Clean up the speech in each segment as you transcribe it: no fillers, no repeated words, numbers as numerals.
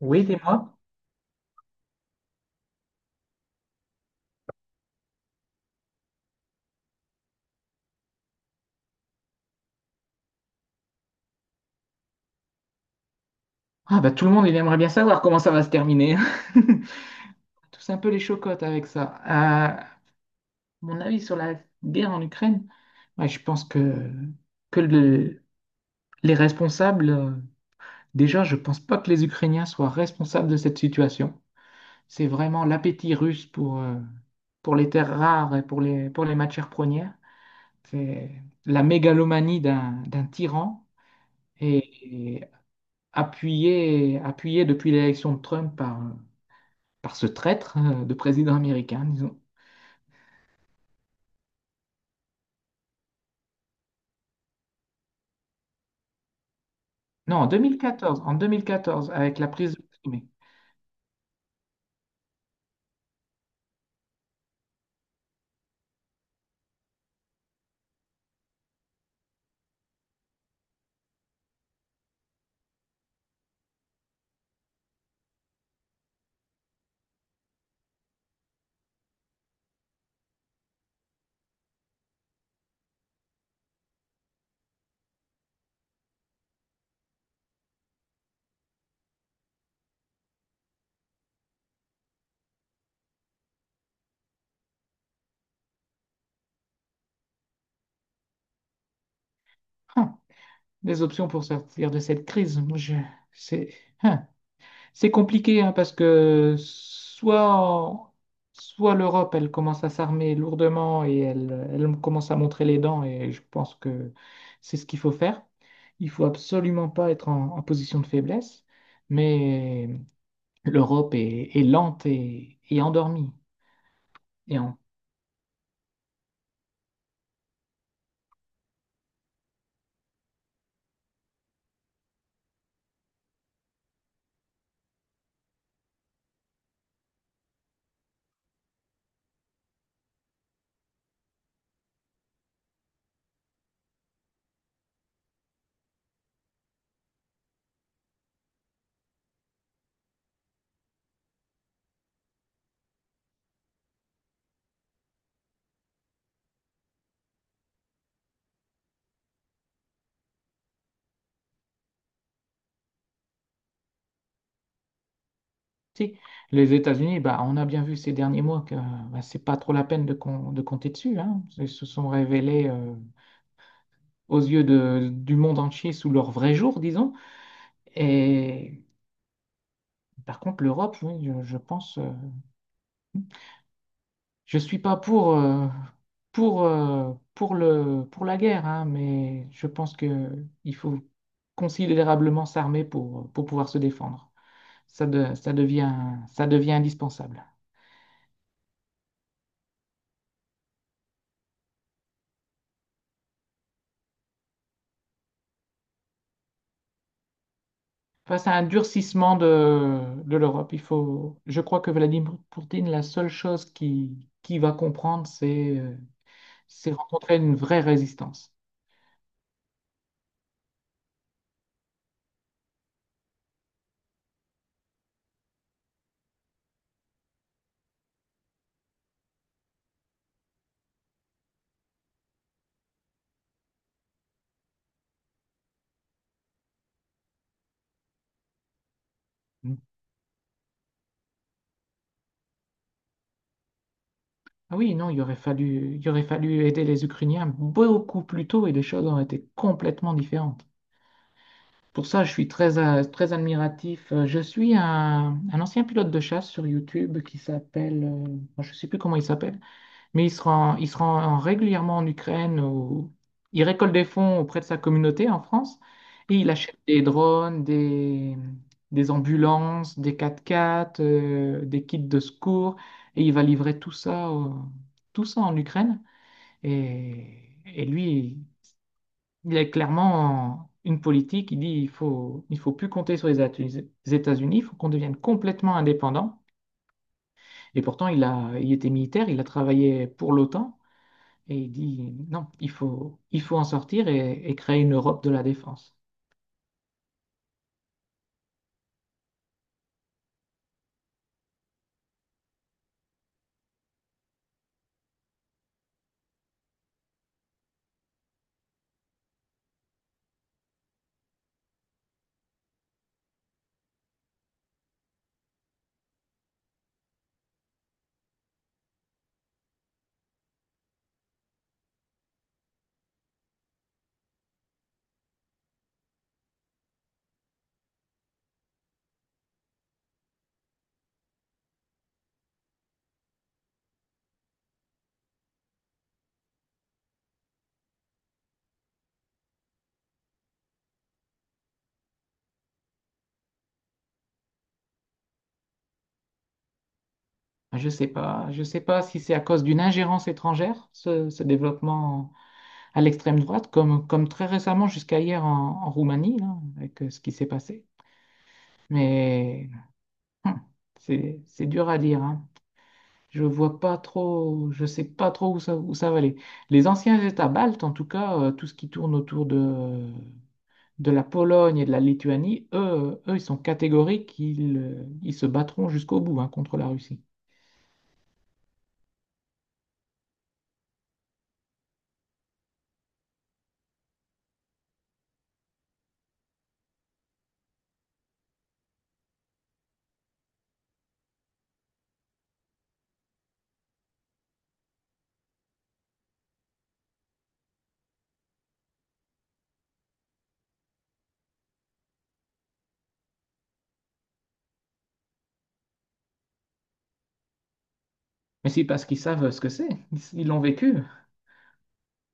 Oui, dis-moi. Ah bah tout le monde, il aimerait bien savoir comment ça va se terminer. Tous un peu les chocottes avec ça. Mon avis sur la guerre en Ukraine, ouais, je pense que, que les responsables, déjà, je pense pas que les Ukrainiens soient responsables de cette situation. C'est vraiment l'appétit russe pour les terres rares et pour les matières premières. C'est la mégalomanie d'un tyran et appuyée depuis l'élection de Trump par... par ce traître de président américain, disons. Non, en 2014, en 2014, avec la prise de Crimée. Hein, les options pour sortir de cette crise, moi, c'est hein, c'est compliqué hein, parce que soit, soit l'Europe, elle commence à s'armer lourdement et elle, elle commence à montrer les dents et je pense que c'est ce qu'il faut faire. Il faut absolument pas être en, en position de faiblesse, mais l'Europe est, est lente et endormie. Et en Si, les États-Unis, bah, on a bien vu ces derniers mois que bah, c'est pas trop la peine de, de compter dessus, hein. Ils se sont révélés aux yeux du monde entier sous leur vrai jour, disons. Et par contre, l'Europe, oui, je pense, je suis pas pour, pour le, pour la guerre, hein, mais je pense que il faut considérablement s'armer pour pouvoir se défendre. Ça, ça devient indispensable. Face à un durcissement de l'Europe. Il faut, je crois que Vladimir Poutine, la seule chose qui va comprendre, c'est rencontrer une vraie résistance. Mm. Ah oui, non, il aurait fallu aider les Ukrainiens beaucoup plus tôt et les choses auraient été complètement différentes. Pour ça, je suis très, très admiratif. Je suis un ancien pilote de chasse sur YouTube qui s'appelle, bon, je ne sais plus comment il s'appelle, mais il se rend régulièrement en Ukraine, où il récolte des fonds auprès de sa communauté en France et il achète des drones, des ambulances, des 4x4, des kits de secours et il va livrer tout ça en Ukraine. Et lui, il y a clairement une politique qui dit il faut plus compter sur les les États-Unis, il faut qu'on devienne complètement indépendant. Et pourtant, il a, il était militaire, il a travaillé pour l'OTAN et il dit non, il faut en sortir et créer une Europe de la défense. Je sais pas si c'est à cause d'une ingérence étrangère, ce développement à l'extrême droite, comme, comme très récemment jusqu'à hier en, en Roumanie, là, avec ce qui s'est passé. Mais hum, c'est dur à dire, hein. Je vois pas trop, je sais pas trop où ça va aller. Les anciens États baltes, en tout cas, tout ce qui tourne autour de la Pologne et de la Lituanie, eux, eux, ils sont catégoriques, ils, ils se battront jusqu'au bout, hein, contre la Russie. Mais c'est parce qu'ils savent ce que c'est, ils l'ont vécu,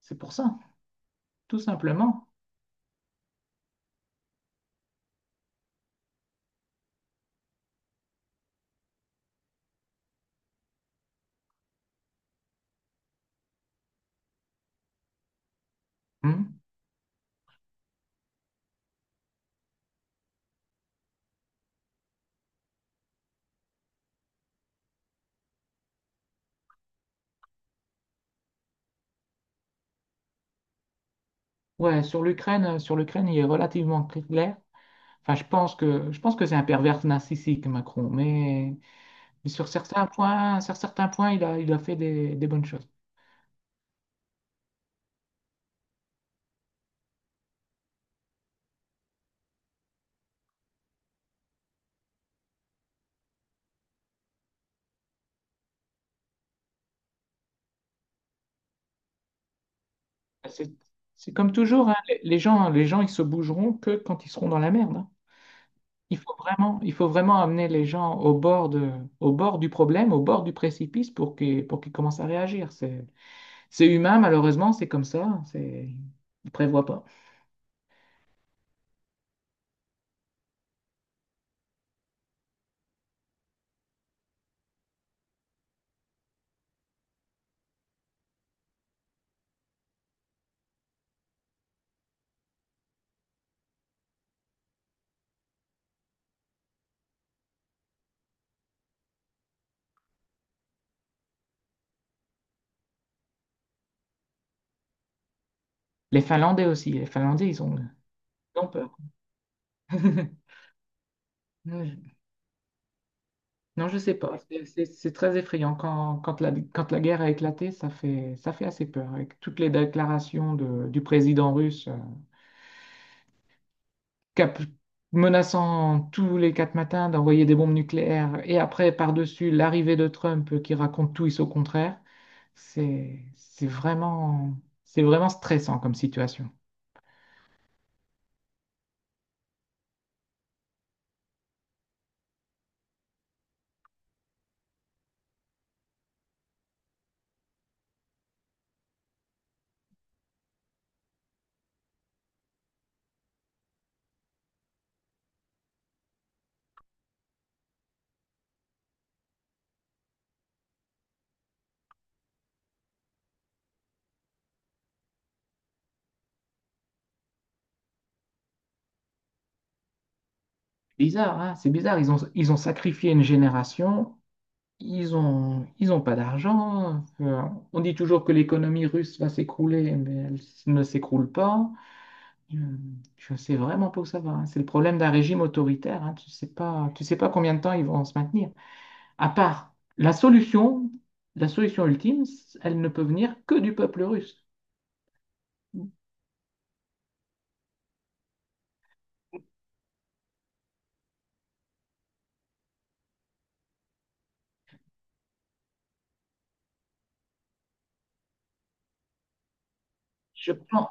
c'est pour ça, tout simplement. Hmm. Ouais, sur l'Ukraine, il est relativement clair. Enfin, je pense que c'est un pervers narcissique, Macron, mais sur certains points, il a fait des bonnes choses. Bah, c'est comme toujours, hein, les gens, les gens, ils se bougeront que quand ils seront dans la merde, hein. Il faut vraiment amener les gens au bord de, au bord du problème, au bord du précipice pour qu'ils commencent à réagir. C'est humain, malheureusement, c'est comme ça. C'est, ils prévoient pas. Les Finlandais aussi, les Finlandais, ils ont peur. Non, je sais pas. C'est très effrayant. Quand, quand la guerre a éclaté, ça fait assez peur. Avec toutes les déclarations du président russe, cap- menaçant tous les quatre matins d'envoyer des bombes nucléaires, et après, par-dessus, l'arrivée de Trump qui raconte tout et son contraire, c'est vraiment, c'est vraiment stressant comme situation. Bizarre, hein, c'est bizarre. Ils ont sacrifié une génération. Ils ont pas d'argent. On dit toujours que l'économie russe va s'écrouler, mais elle ne s'écroule pas. Euh, Je sais vraiment pas où ça va, hein. C'est le problème d'un régime autoritaire, hein. Tu sais pas combien de temps ils vont se maintenir. À part la solution ultime, elle ne peut venir que du peuple russe. Je pense,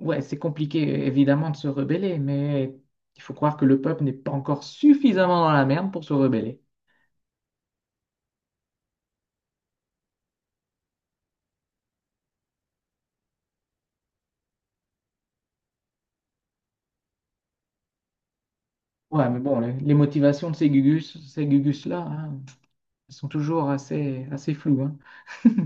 ouais, c'est compliqué évidemment de se rebeller, mais il faut croire que le peuple n'est pas encore suffisamment dans la merde pour se rebeller. Ouais, mais bon, les motivations de ces Gugus, ces Gugus-là, hein, elles sont toujours assez, assez floues, hein.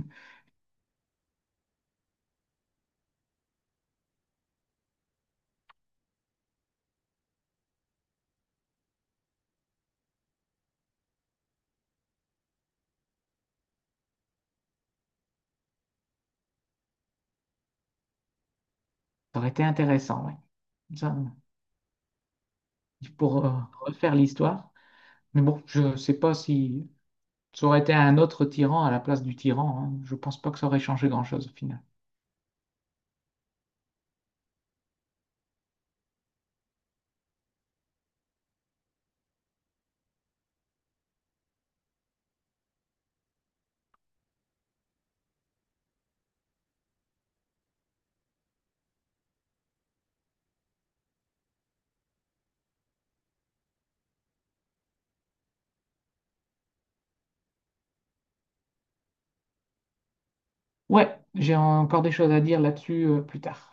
Ça aurait été intéressant, ouais. Ça, pour refaire l'histoire. Mais bon, je ne sais pas si ça aurait été un autre tyran à la place du tyran, hein. Je pense pas que ça aurait changé grand-chose au final. Ouais, j'ai encore des choses à dire là-dessus plus tard.